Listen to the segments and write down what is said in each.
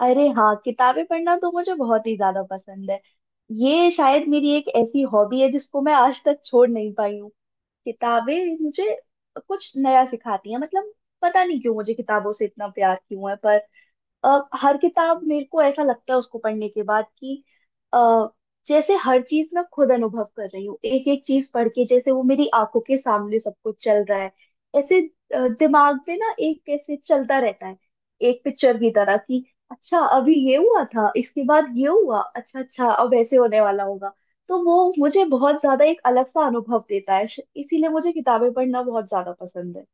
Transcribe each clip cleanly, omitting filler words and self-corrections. अरे हाँ, किताबें पढ़ना तो मुझे बहुत ही ज्यादा पसंद है। ये शायद मेरी एक ऐसी हॉबी है जिसको मैं आज तक छोड़ नहीं पाई हूँ। किताबें मुझे कुछ नया सिखाती हैं। मतलब पता नहीं क्यों मुझे किताबों से इतना प्यार क्यों है, पर अ, हर किताब मेरे को ऐसा लगता है उसको पढ़ने के बाद कि अ, जैसे हर चीज मैं खुद अनुभव कर रही हूँ, एक एक चीज पढ़ के जैसे वो मेरी आंखों के सामने सब कुछ चल रहा है। ऐसे दिमाग में ना एक कैसे चलता रहता है, एक पिक्चर की तरह कि अच्छा अभी ये हुआ था, इसके बाद ये हुआ, अच्छा अच्छा अब ऐसे होने वाला होगा। तो वो मुझे बहुत ज्यादा एक अलग सा अनुभव देता है, इसीलिए मुझे किताबें पढ़ना बहुत ज्यादा पसंद है।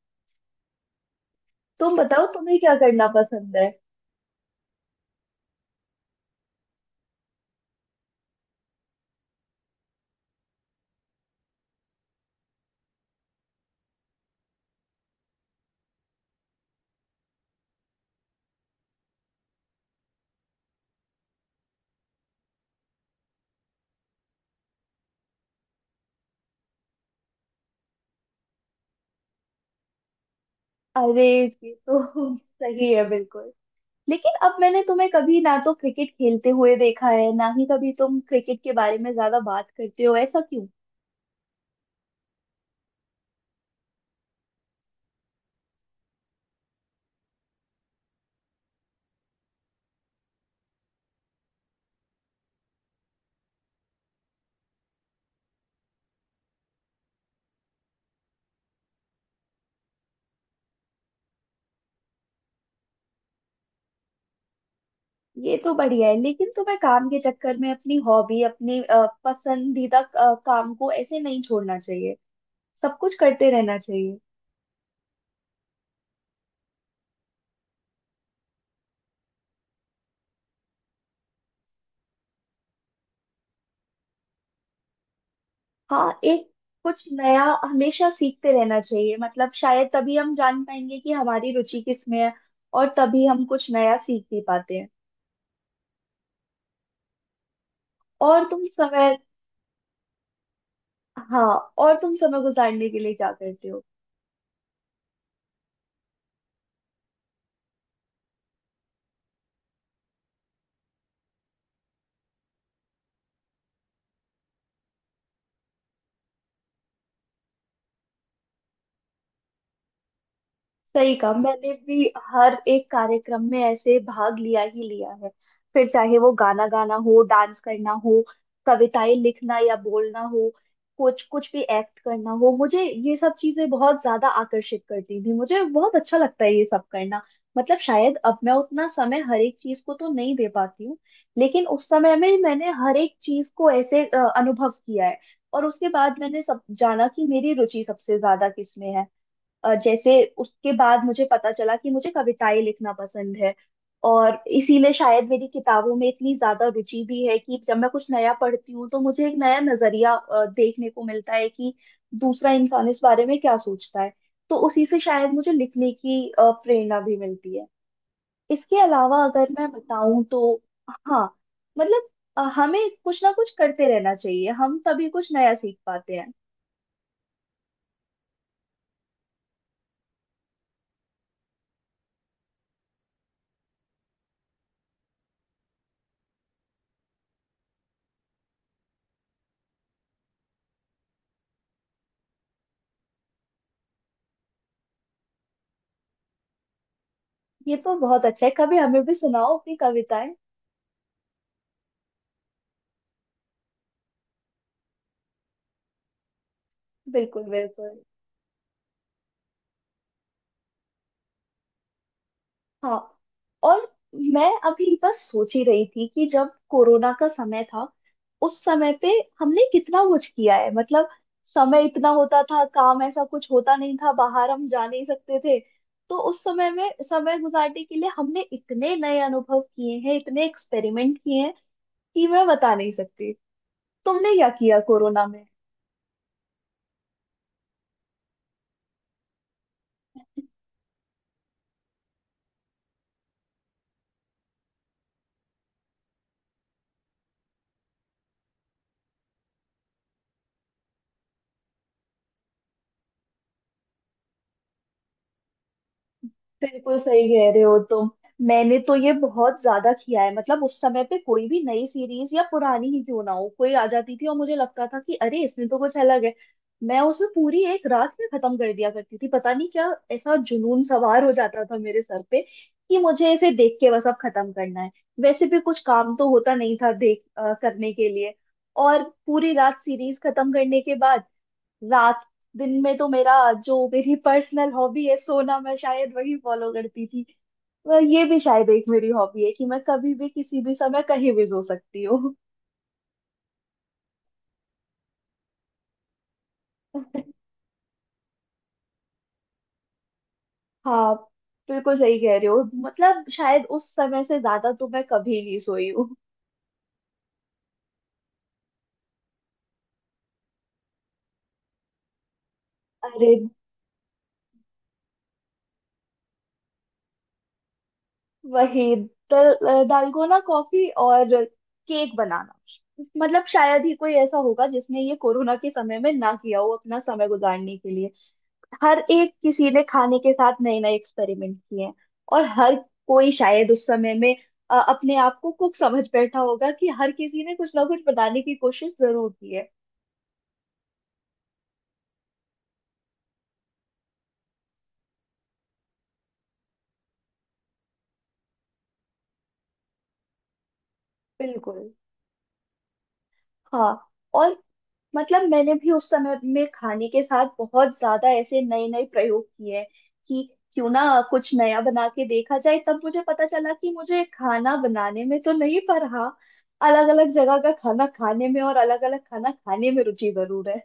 तुम बताओ तुम्हें क्या करना पसंद है? अरे ये तो सही है बिल्कुल। लेकिन अब मैंने तुम्हें कभी ना तो क्रिकेट खेलते हुए देखा है, ना ही कभी तुम क्रिकेट के बारे में ज्यादा बात करते हो, ऐसा क्यों? ये तो बढ़िया है, लेकिन तुम्हें काम के चक्कर में अपनी हॉबी, अपने पसंदीदा काम को ऐसे नहीं छोड़ना चाहिए। सब कुछ करते रहना चाहिए। हाँ एक कुछ नया हमेशा सीखते रहना चाहिए। मतलब शायद तभी हम जान पाएंगे कि हमारी रुचि किस में है, और तभी हम कुछ नया सीख भी पाते हैं। और तुम समय, हाँ, और तुम समय गुजारने के लिए क्या करते हो? सही कहा, मैंने भी हर एक कार्यक्रम में ऐसे भाग लिया ही लिया है। फिर चाहे वो गाना गाना हो, डांस करना हो, कविताएं लिखना या बोलना हो, कुछ कुछ भी एक्ट करना हो, मुझे ये सब चीजें बहुत ज्यादा आकर्षित करती थी। मुझे बहुत अच्छा लगता है ये सब करना। मतलब शायद अब मैं उतना समय हर एक चीज को तो नहीं दे पाती हूँ, लेकिन उस समय में मैंने हर एक चीज को ऐसे अनुभव किया है, और उसके बाद मैंने सब जाना कि मेरी रुचि सबसे ज्यादा किस में है। जैसे उसके बाद मुझे पता चला कि मुझे कविताएं लिखना पसंद है, और इसीलिए शायद मेरी किताबों में इतनी ज्यादा रुचि भी है कि जब मैं कुछ नया पढ़ती हूँ तो मुझे एक नया नजरिया देखने को मिलता है कि दूसरा इंसान इस बारे में क्या सोचता है। तो उसी से शायद मुझे लिखने की प्रेरणा भी मिलती है। इसके अलावा अगर मैं बताऊं तो हाँ, मतलब हमें कुछ ना कुछ करते रहना चाहिए, हम तभी कुछ नया सीख पाते हैं। ये तो बहुत अच्छा है, कभी हमें भी सुनाओ अपनी कविताएं। बिल्कुल बिल्कुल। हाँ, और मैं अभी बस सोच ही रही थी कि जब कोरोना का समय था, उस समय पे हमने कितना कुछ किया है। मतलब समय इतना होता था, काम ऐसा कुछ होता नहीं था, बाहर हम जा नहीं सकते थे। तो उस समय में समय गुजारने के लिए हमने इतने नए अनुभव किए हैं, इतने एक्सपेरिमेंट किए हैं कि मैं बता नहीं सकती। तुमने क्या किया कोरोना? बिल्कुल सही कह रहे हो तुम। मैंने तो ये बहुत ज्यादा किया है। मतलब उस समय पे कोई भी नई सीरीज या पुरानी ही क्यों ना हो, कोई आ जाती थी और मुझे लगता था कि अरे इसमें तो कुछ अलग है। मैं उसमें पूरी एक रात में खत्म कर दिया करती थी। पता नहीं क्या ऐसा जुनून सवार हो जाता था मेरे सर पे कि मुझे इसे देख के बस अब खत्म करना है। वैसे भी कुछ काम तो होता नहीं था देख करने के लिए। और पूरी रात सीरीज खत्म करने के बाद रात, दिन में तो मेरा जो मेरी पर्सनल हॉबी है सोना, मैं शायद वही फॉलो करती थी। पर ये भी शायद एक मेरी हॉबी है कि मैं कभी भी किसी भी समय कहीं भी सो सकती हूँ। हाँ बिल्कुल सही कह रहे हो, मतलब शायद उस समय से ज्यादा तो मैं कभी नहीं सोई हूँ। अरे वही दल, दालगोना कॉफी और केक बनाना, मतलब शायद ही कोई ऐसा होगा जिसने ये कोरोना के समय में ना किया हो अपना समय गुजारने के लिए। हर एक किसी ने खाने के साथ नए नए एक्सपेरिमेंट किए हैं, और हर कोई शायद उस समय में अपने आप को कुक समझ बैठा होगा कि हर किसी ने कुछ ना कुछ बनाने की कोशिश जरूर की है। बिल्कुल। हाँ और, मतलब मैंने भी उस समय में खाने के साथ बहुत ज्यादा ऐसे नए नए प्रयोग किए हैं कि क्यों ना कुछ नया बना के देखा जाए। तब मुझे पता चला कि मुझे खाना बनाने में तो नहीं, पर हाँ, अलग अलग जगह का खाना खाने में और अलग अलग खाना खाने में रुचि जरूर है।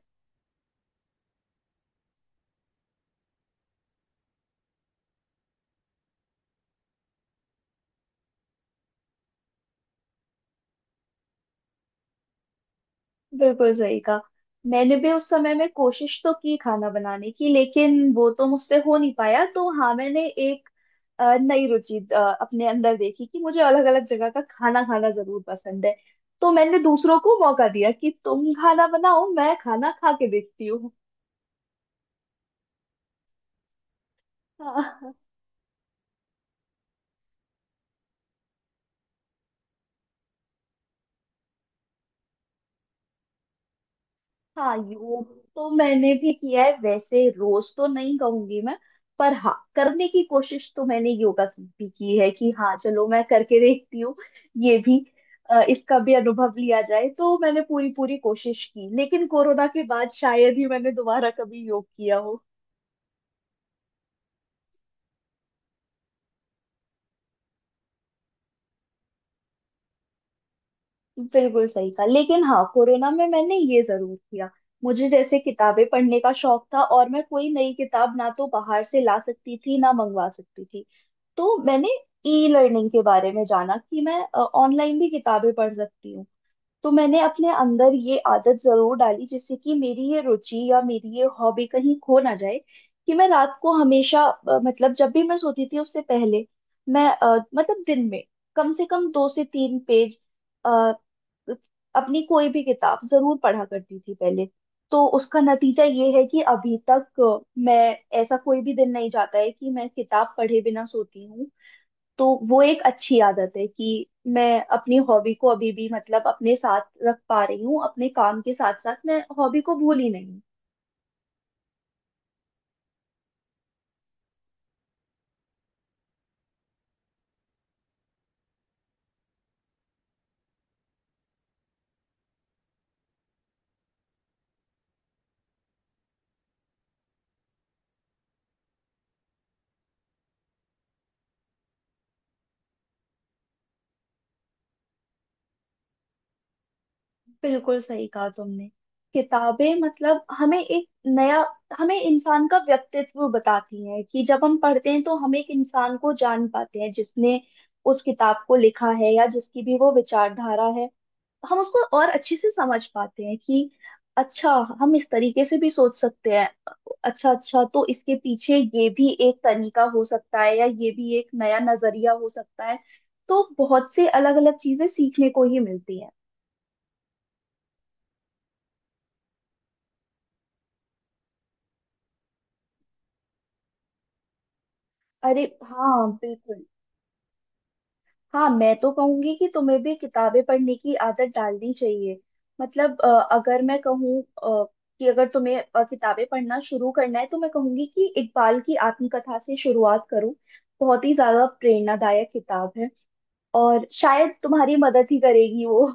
बिल्कुल सही कहा। मैंने भी उस समय में कोशिश तो की खाना बनाने की, लेकिन वो तो मुझसे हो नहीं पाया। तो हाँ, मैंने एक नई रुचि अपने अंदर देखी कि मुझे अलग अलग जगह का खाना खाना जरूर पसंद है। तो मैंने दूसरों को मौका दिया कि तुम खाना बनाओ, मैं खाना खा के देखती हूँ। हाँ। हाँ योग तो मैंने भी किया है। वैसे रोज तो नहीं कहूंगी मैं, पर हाँ करने की कोशिश तो मैंने योगा की भी की है कि हाँ चलो मैं करके देखती हूँ, ये भी, इसका भी अनुभव लिया जाए। तो मैंने पूरी पूरी कोशिश की, लेकिन कोरोना के बाद शायद ही मैंने दोबारा कभी योग किया। बिल्कुल सही कहा, लेकिन हाँ कोरोना में मैंने ये जरूर किया। मुझे जैसे किताबें पढ़ने का शौक था और मैं कोई नई किताब ना तो बाहर से ला सकती थी, ना मंगवा सकती थी। तो मैंने ई लर्निंग के बारे में जाना कि मैं ऑनलाइन भी किताबें पढ़ सकती हूँ। तो मैंने अपने अंदर ये आदत जरूर डाली, जिससे कि मेरी ये रुचि या मेरी ये हॉबी कहीं खो ना जाए। कि मैं रात को हमेशा मतलब जब भी मैं सोती थी उससे पहले, मैं मतलब दिन में कम से कम दो से तीन पेज अ, अपनी कोई भी किताब जरूर पढ़ा करती थी पहले। तो उसका नतीजा ये है कि अभी तक मैं, ऐसा कोई भी दिन नहीं जाता है कि मैं किताब पढ़े बिना सोती हूँ। तो वो एक अच्छी आदत है कि मैं अपनी हॉबी को अभी भी, मतलब अपने साथ रख पा रही हूँ, अपने काम के साथ साथ मैं हॉबी को भूली नहीं। बिल्कुल सही कहा तुमने। किताबें, मतलब हमें एक नया, हमें इंसान का व्यक्तित्व बताती हैं कि जब हम पढ़ते हैं तो हम एक इंसान को जान पाते हैं जिसने उस किताब को लिखा है या जिसकी भी वो विचारधारा है। हम उसको और अच्छे से समझ पाते हैं कि अच्छा हम इस तरीके से भी सोच सकते हैं, अच्छा अच्छा तो इसके पीछे ये भी एक तरीका हो सकता है, या ये भी एक नया नजरिया हो सकता है। तो बहुत से अलग अलग चीजें सीखने को ही मिलती हैं। अरे हाँ बिल्कुल। हाँ मैं तो कहूंगी कि तुम्हें भी किताबें पढ़ने की आदत डालनी चाहिए। मतलब अगर मैं कहूँ कि अगर तुम्हें किताबें पढ़ना शुरू करना है, तो मैं कहूंगी कि इकबाल की आत्मकथा से शुरुआत करो। बहुत ही ज्यादा प्रेरणादायक किताब है, और शायद तुम्हारी मदद ही करेगी वो।